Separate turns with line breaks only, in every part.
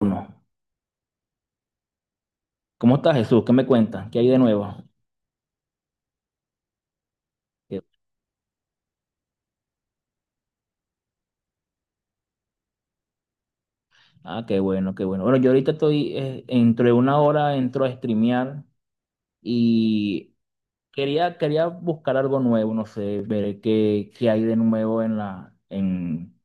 Uno. ¿Cómo estás, Jesús? ¿Qué me cuentas? ¿Qué hay de nuevo? Qué- Ah, qué bueno, qué bueno. Bueno, yo ahorita estoy, dentro de una hora entro a streamear y quería buscar algo nuevo, no sé, ver qué hay de nuevo en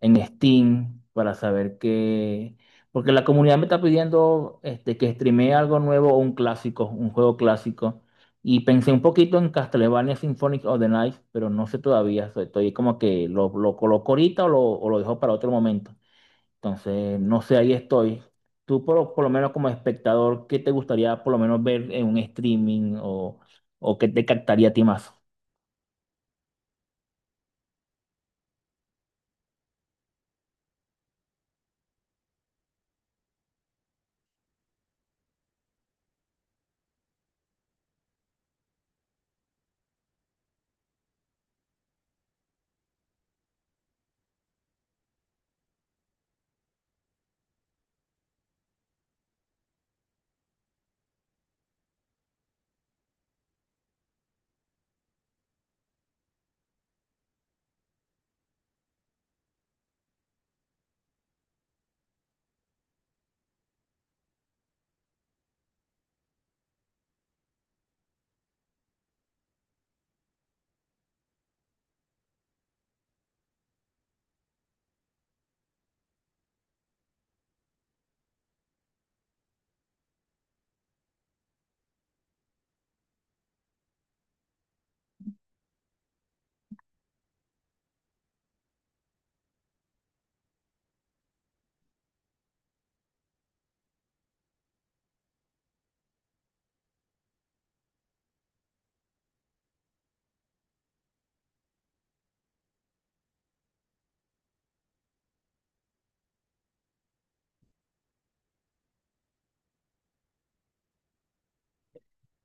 en Steam para saber qué, porque la comunidad me está pidiendo este, que streamee algo nuevo o un clásico, un juego clásico. Y pensé un poquito en Castlevania Symphonic of the Night, pero no sé todavía. Estoy como que lo coloco ahorita o lo dejo para otro momento. Entonces, no sé, ahí estoy. Tú por lo menos como espectador, ¿qué te gustaría por lo menos ver en un streaming o qué te captaría a ti más?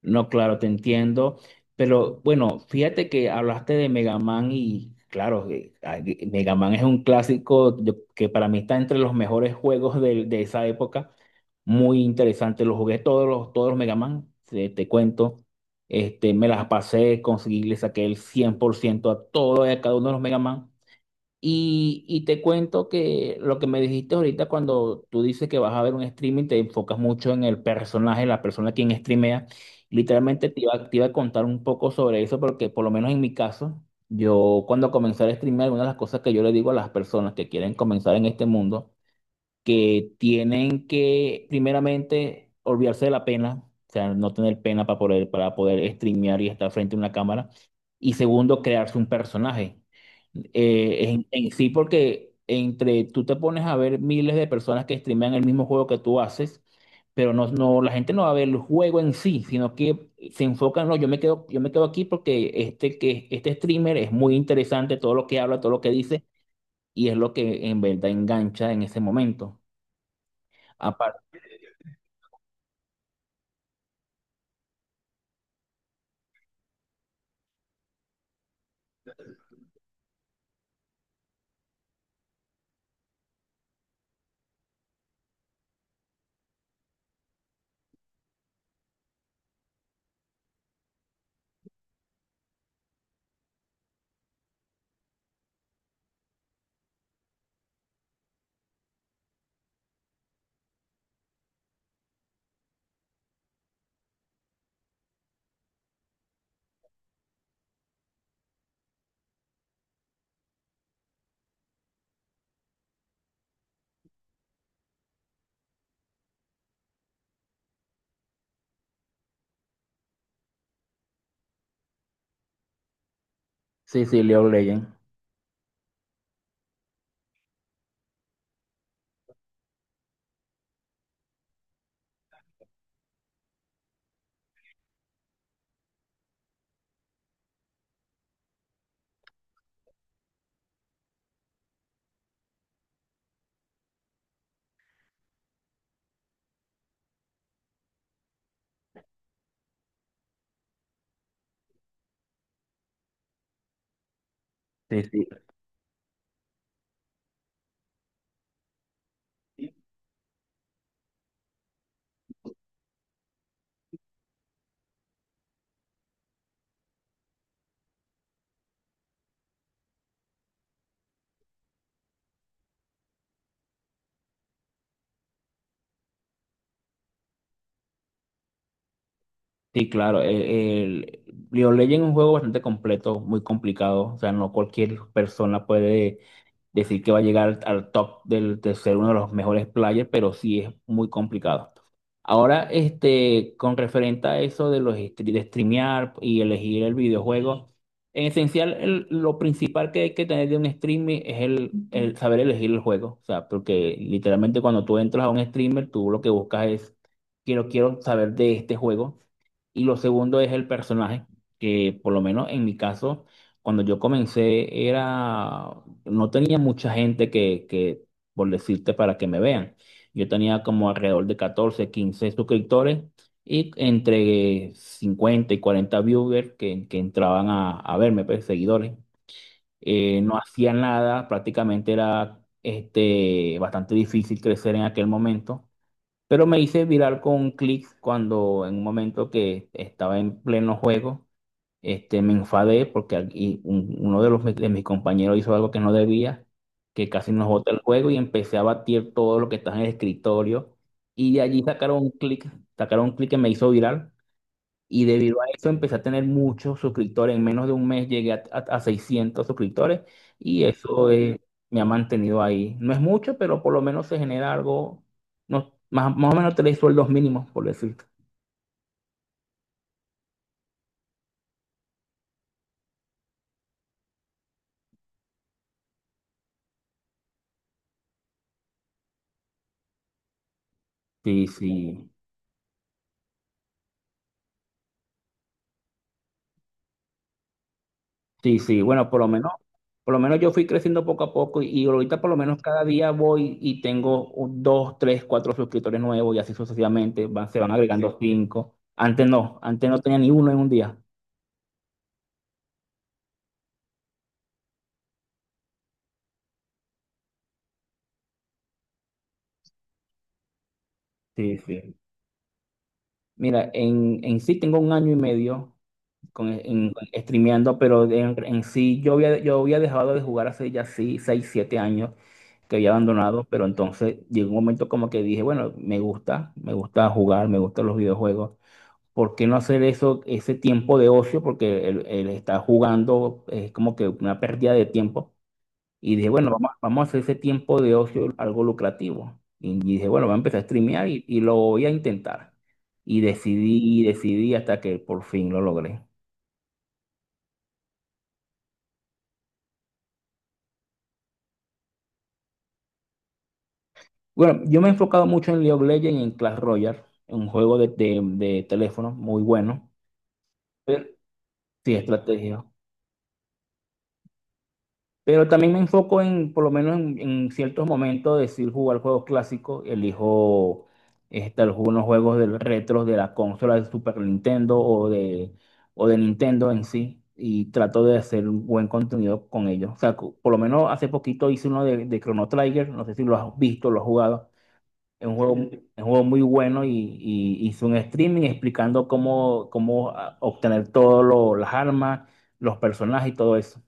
No, claro, te entiendo. Pero bueno, fíjate que hablaste de Mega Man y claro, Mega Man es un clásico que para mí está entre los mejores juegos de esa época. Muy interesante. Los jugué todos los Mega Man, te cuento. Este, me las pasé, conseguí, le saqué el 100% a todo y a cada uno de los Mega Man. Y te cuento que lo que me dijiste ahorita cuando tú dices que vas a ver un streaming, te enfocas mucho en el personaje, la persona quien streamea. Literalmente te iba a contar un poco sobre eso porque por lo menos en mi caso, yo cuando comencé a streamear, una de las cosas que yo le digo a las personas que quieren comenzar en este mundo, que tienen que primeramente olvidarse de la pena, o sea, no tener pena para poder streamear y estar frente a una cámara. Y segundo, crearse un personaje. En sí, porque entre tú te pones a ver miles de personas que streamean el mismo juego que tú haces, pero la gente no va a ver el juego en sí, sino que se enfocan, no, yo me quedo aquí porque este streamer es muy interesante, todo lo que habla, todo lo que dice, y es lo que en verdad engancha en ese momento. Aparte, sí, sí, League of Legends. Sí, sí, sí, claro. League of Legends es un juego bastante completo, muy complicado. O sea, no cualquier persona puede decir que va a llegar al top del, de ser uno de los mejores players, pero sí es muy complicado. Ahora, este, con referente a eso de los de streamear y elegir el videojuego, en esencial lo principal que hay que tener de un streaming es el saber elegir el juego. O sea, porque literalmente cuando tú entras a un streamer, tú lo que buscas es quiero saber de este juego. Y lo segundo es el personaje, que por lo menos en mi caso cuando yo comencé era, no tenía mucha gente por decirte, para que me vean. Yo tenía como alrededor de 14 15 suscriptores y entre 50 y 40 viewers que entraban a verme, pues, seguidores. No hacía nada, prácticamente era este, bastante difícil crecer en aquel momento. Pero me hice viral con clics cuando en un momento que estaba en pleno juego este, me enfadé porque aquí de mis compañeros hizo algo que no debía, que casi nos bota el juego y empecé a batir todo lo que estaba en el escritorio. Y de allí sacaron un clic que me hizo viral. Y debido a eso empecé a tener muchos suscriptores. En menos de un mes llegué a 600 suscriptores y eso me ha mantenido ahí. No es mucho, pero por lo menos se genera algo, no, más o menos tres sueldos mínimos, por decirte. Sí, sí. Sí, sí, bueno, por lo menos yo fui creciendo poco a poco y ahorita por lo menos cada día voy y tengo dos, tres, cuatro suscriptores nuevos y así sucesivamente, van, se van agregando. Sí, cinco. Antes no tenía ni uno en un día. Sí, sí. Mira, en sí tengo un año y medio streameando, pero en sí yo había dejado de jugar hace ya sí, seis, siete años que había abandonado, pero entonces llegó un momento como que dije, bueno, me gusta jugar, me gustan los videojuegos. ¿Por qué no hacer eso, ese tiempo de ocio? Porque él está jugando, es como que una pérdida de tiempo. Y dije, bueno, vamos a hacer ese tiempo de ocio algo lucrativo. Y dije, bueno, voy a empezar a streamear y lo voy a intentar. Y decidí hasta que por fin lo logré. Bueno, yo me he enfocado mucho en League of Legends y en Clash Royale, un juego de teléfono muy bueno. Pero sí, estrategia. Pero también me enfoco en, por lo menos en ciertos momentos, decir jugar juegos clásicos. Elijo este, algunos juegos del retros de la consola de Super Nintendo o de Nintendo en sí. Y trato de hacer un buen contenido con ellos. O sea, por lo menos hace poquito hice uno de Chrono Trigger. No sé si lo has visto, lo has jugado. Es un juego muy bueno y hice un streaming explicando cómo, cómo ah, obtener todas las armas, los personajes y todo eso.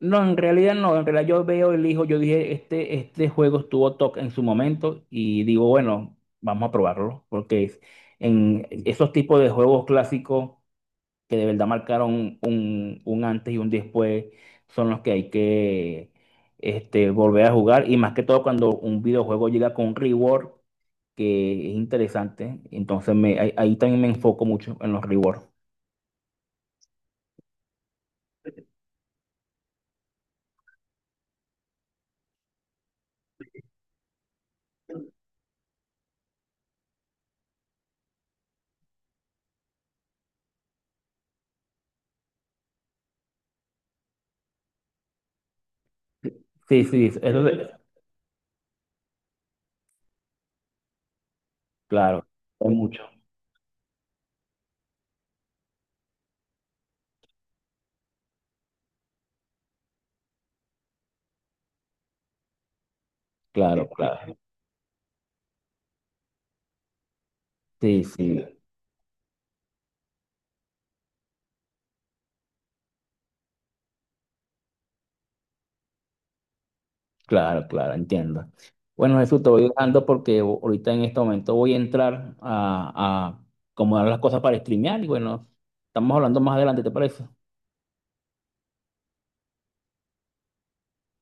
No, en realidad no, en realidad yo veo, elijo, yo dije, este juego estuvo top en su momento y digo, bueno, vamos a probarlo, en esos tipos de juegos clásicos que de verdad marcaron un antes y un después son los que hay que este, volver a jugar y más que todo cuando un videojuego llega con un reward que es interesante, entonces me, ahí también me enfoco mucho en los rewards. Sí, sí, claro, es mucho, claro, claro, sí, sí. Claro, claro, entiendo. Bueno, Jesús, te voy dejando porque ahorita en este momento voy a entrar a acomodar las cosas para streamear y bueno, estamos hablando más adelante, ¿te parece?